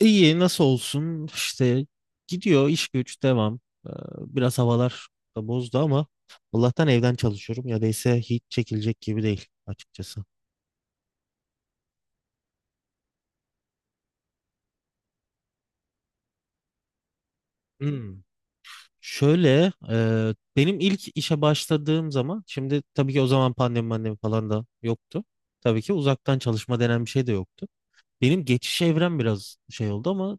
İyi nasıl olsun işte gidiyor iş güç devam. Ee, Biraz havalar da bozdu ama Allah'tan evden çalışıyorum ya da ise hiç çekilecek gibi değil açıkçası. Hmm. Şöyle, benim ilk işe başladığım zaman şimdi tabii ki o zaman pandemi falan da yoktu. Tabii ki uzaktan çalışma denen bir şey de yoktu. Benim geçiş evrem biraz şey oldu ama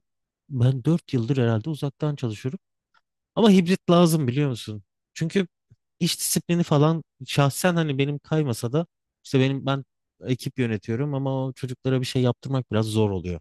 ben 4 yıldır herhalde uzaktan çalışıyorum. Ama hibrit lazım biliyor musun? Çünkü iş disiplini falan şahsen hani benim kaymasa da işte ben ekip yönetiyorum ama o çocuklara bir şey yaptırmak biraz zor oluyor.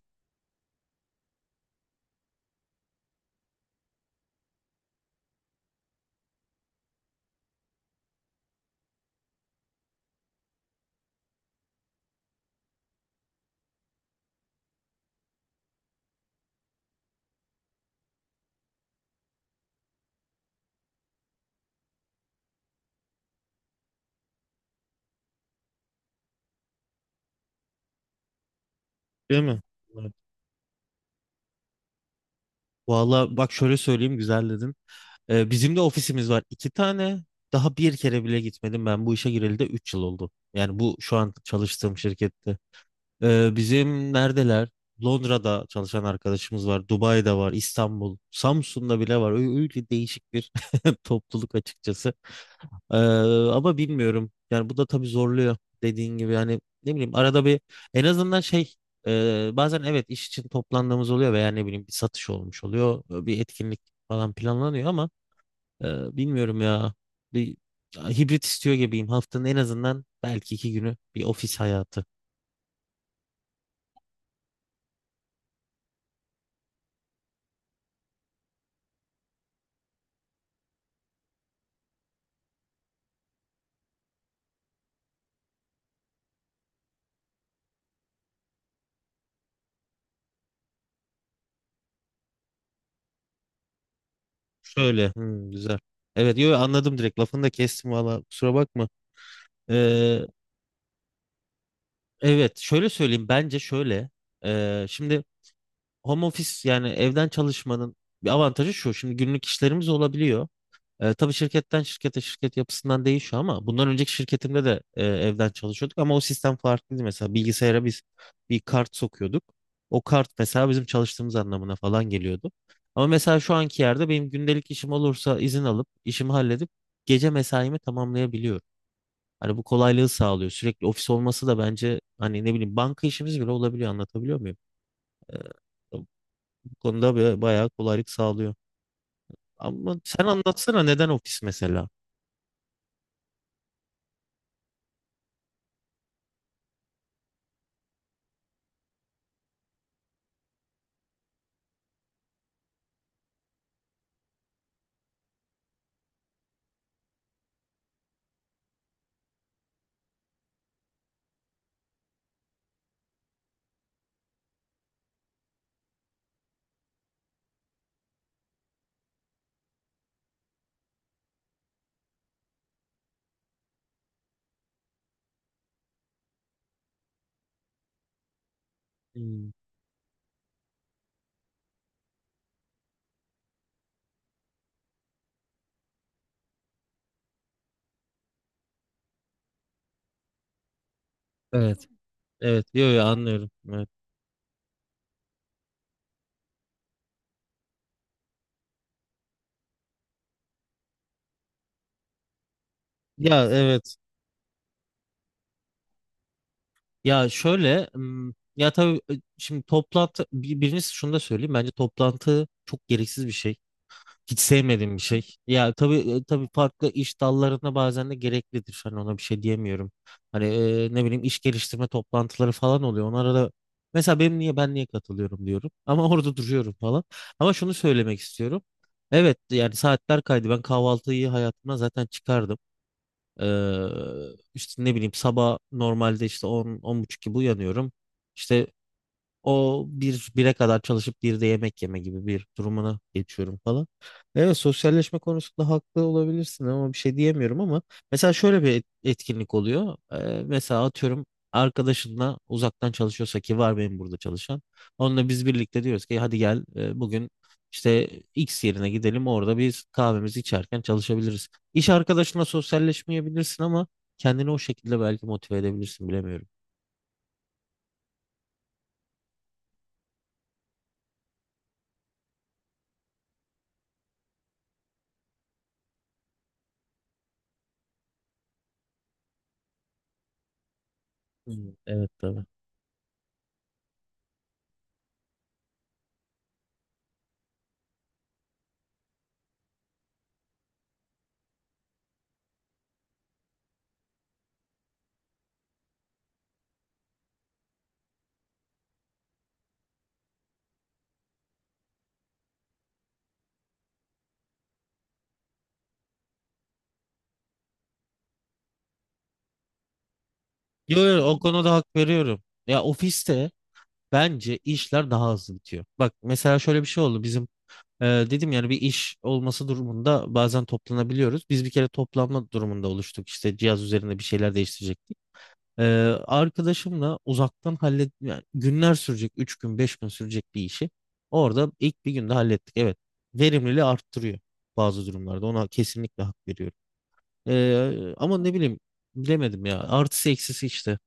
Değil mi? Evet. Valla bak şöyle söyleyeyim güzel dedin. Bizim de ofisimiz var 2 tane. Daha bir kere bile gitmedim ben bu işe gireli de 3 yıl oldu. Yani bu şu an çalıştığım şirkette. Bizim neredeler? Londra'da çalışan arkadaşımız var, Dubai'de var, İstanbul, Samsun'da bile var. Öyle değişik bir topluluk açıkçası. Ee, Ama bilmiyorum. Yani bu da tabii zorluyor dediğin gibi. Yani ne bileyim arada bir en azından şey, bazen evet iş için toplandığımız oluyor veya ne bileyim bir satış olmuş oluyor, bir etkinlik falan planlanıyor ama bilmiyorum ya. Bir hibrit istiyor gibiyim. Haftanın en azından belki 2 günü bir ofis hayatı. Şöyle. Hmm, güzel. Evet, yo, anladım direkt. Lafını da kestim valla. Kusura bakma. Ee, evet, şöyle söyleyeyim. Bence şöyle. Şimdi home office yani evden çalışmanın bir avantajı şu. Şimdi günlük işlerimiz olabiliyor. Tabii şirketten şirkete şirket yapısından değişiyor ama bundan önceki şirketimde de, evden çalışıyorduk ama o sistem farklıydı. Mesela bilgisayara biz bir kart sokuyorduk. O kart mesela bizim çalıştığımız anlamına falan geliyordu. Ama mesela şu anki yerde benim gündelik işim olursa izin alıp işimi halledip gece mesaimi tamamlayabiliyorum. Hani bu kolaylığı sağlıyor. Sürekli ofis olması da bence hani ne bileyim banka işimiz bile olabiliyor. Anlatabiliyor muyum? E, Konuda bayağı kolaylık sağlıyor. Ama sen anlatsana neden ofis mesela? Hmm, evet, evet, yo, yo, anlıyorum. Evet. Ya evet, ya şöyle, ya tabii, şimdi toplantı, birincisi şunu da söyleyeyim, bence toplantı çok gereksiz bir şey. Hiç sevmediğim bir şey. Ya tabii, tabii farklı iş dallarında bazen de gereklidir. Hani ona bir şey diyemiyorum. Hani, ne bileyim iş geliştirme toplantıları falan oluyor. Onlara da mesela benim niye ben niye katılıyorum diyorum. Ama orada duruyorum falan. Ama şunu söylemek istiyorum. Evet yani saatler kaydı. Ben kahvaltıyı hayatımdan zaten çıkardım. Ee, işte ne bileyim sabah normalde işte 10 buçuk gibi uyanıyorum. İşte o bir bire kadar çalışıp bir de yemek yeme gibi bir durumuna geçiyorum falan. Evet sosyalleşme konusunda haklı olabilirsin ama bir şey diyemiyorum ama mesela şöyle bir etkinlik oluyor. Mesela atıyorum arkadaşınla uzaktan çalışıyorsa ki var benim burada çalışan. Onunla biz birlikte diyoruz ki hadi gel, bugün işte X yerine gidelim orada biz kahvemizi içerken çalışabiliriz. İş arkadaşına sosyalleşmeyebilirsin ama kendini o şekilde belki motive edebilirsin bilemiyorum. Hmm. Evet tabii. Yo, yo, o konuda hak veriyorum. Ya ofiste bence işler daha hızlı bitiyor. Bak mesela şöyle bir şey oldu bizim e, dedim yani bir iş olması durumunda bazen toplanabiliyoruz. Biz bir kere toplanma durumunda oluştuk işte cihaz üzerinde bir şeyler değiştirecektik. E, Arkadaşımla uzaktan hallet yani günler sürecek 3 gün 5 gün sürecek bir işi orada ilk bir günde hallettik. Evet verimliliği arttırıyor bazı durumlarda ona kesinlikle hak veriyorum. Ama ne bileyim bilemedim ya artısı eksisi işte.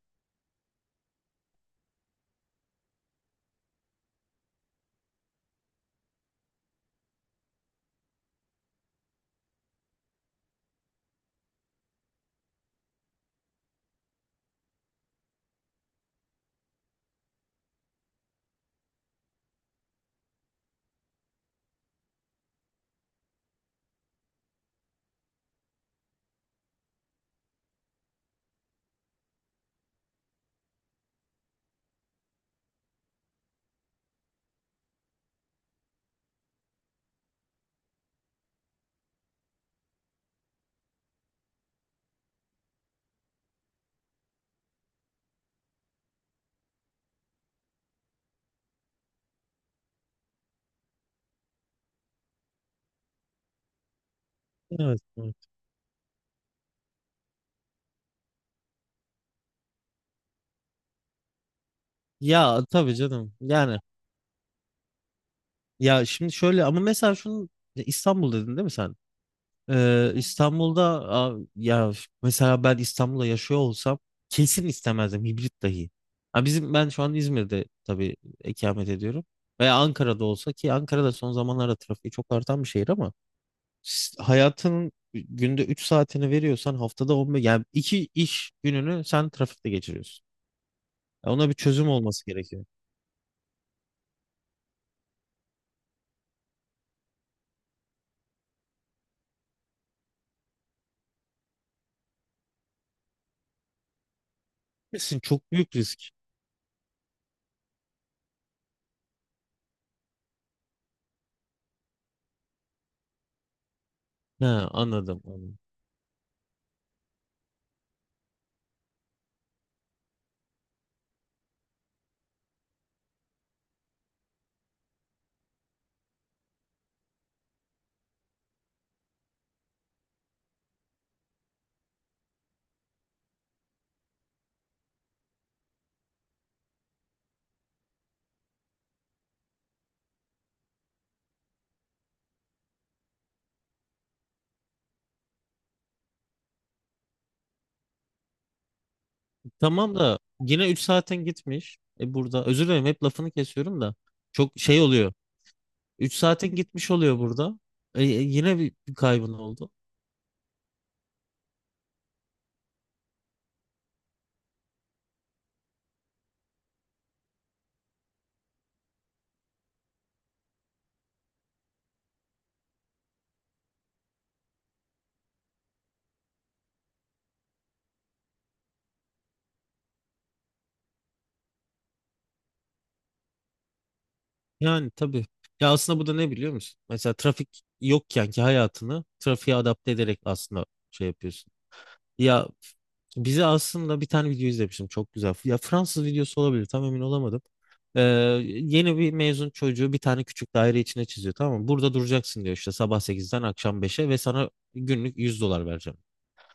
Evet. Ya tabii canım. Yani ya şimdi şöyle ama mesela şunu İstanbul dedin değil mi sen? İstanbul'da ya mesela ben İstanbul'da yaşıyor olsam kesin istemezdim hibrit dahi. Ha ben şu an İzmir'de tabii ikamet ediyorum. Veya Ankara'da olsa ki Ankara'da son zamanlarda trafiği çok artan bir şehir ama hayatının günde 3 saatini veriyorsan haftada 15 yani 2 iş gününü sen trafikte geçiriyorsun. Ya ona bir çözüm olması gerekiyor. Kesin çok büyük risk. Ha, anladım. Anladım. Tamam da yine 3 saatin gitmiş. Burada özür dilerim hep lafını kesiyorum da çok şey oluyor. 3 saatin gitmiş oluyor burada. Yine bir kaybın oldu. Yani tabii. Ya aslında bu da ne biliyor musun? Mesela trafik yokken ki hayatını trafiğe adapte ederek aslında şey yapıyorsun. Ya bize aslında bir tane video izlemiştim çok güzel. Ya Fransız videosu olabilir tam emin olamadım. Ee, Yeni bir mezun çocuğu bir tane küçük daire içine çiziyor tamam mı? Burada duracaksın diyor işte sabah 8'den akşam 5'e ve sana günlük 100 dolar vereceğim.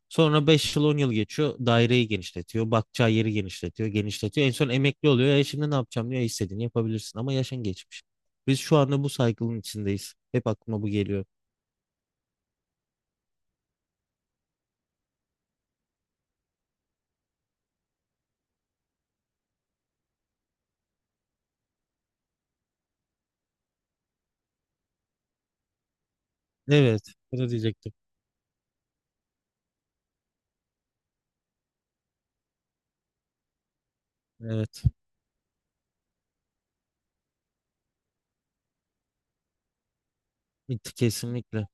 Sonra 5 yıl 10 yıl geçiyor daireyi genişletiyor. Bakacağı yeri genişletiyor genişletiyor. En son emekli oluyor. E şimdi ne yapacağım diyor. E istediğini yapabilirsin ama yaşın geçmiş. Biz şu anda bu saygının içindeyiz. Hep aklıma bu geliyor. Evet. Bunu diyecektim. Evet. Kesinlikle.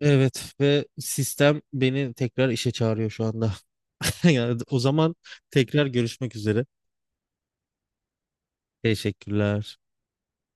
Evet ve sistem beni tekrar işe çağırıyor şu anda. Yani o zaman tekrar görüşmek üzere. Teşekkürler.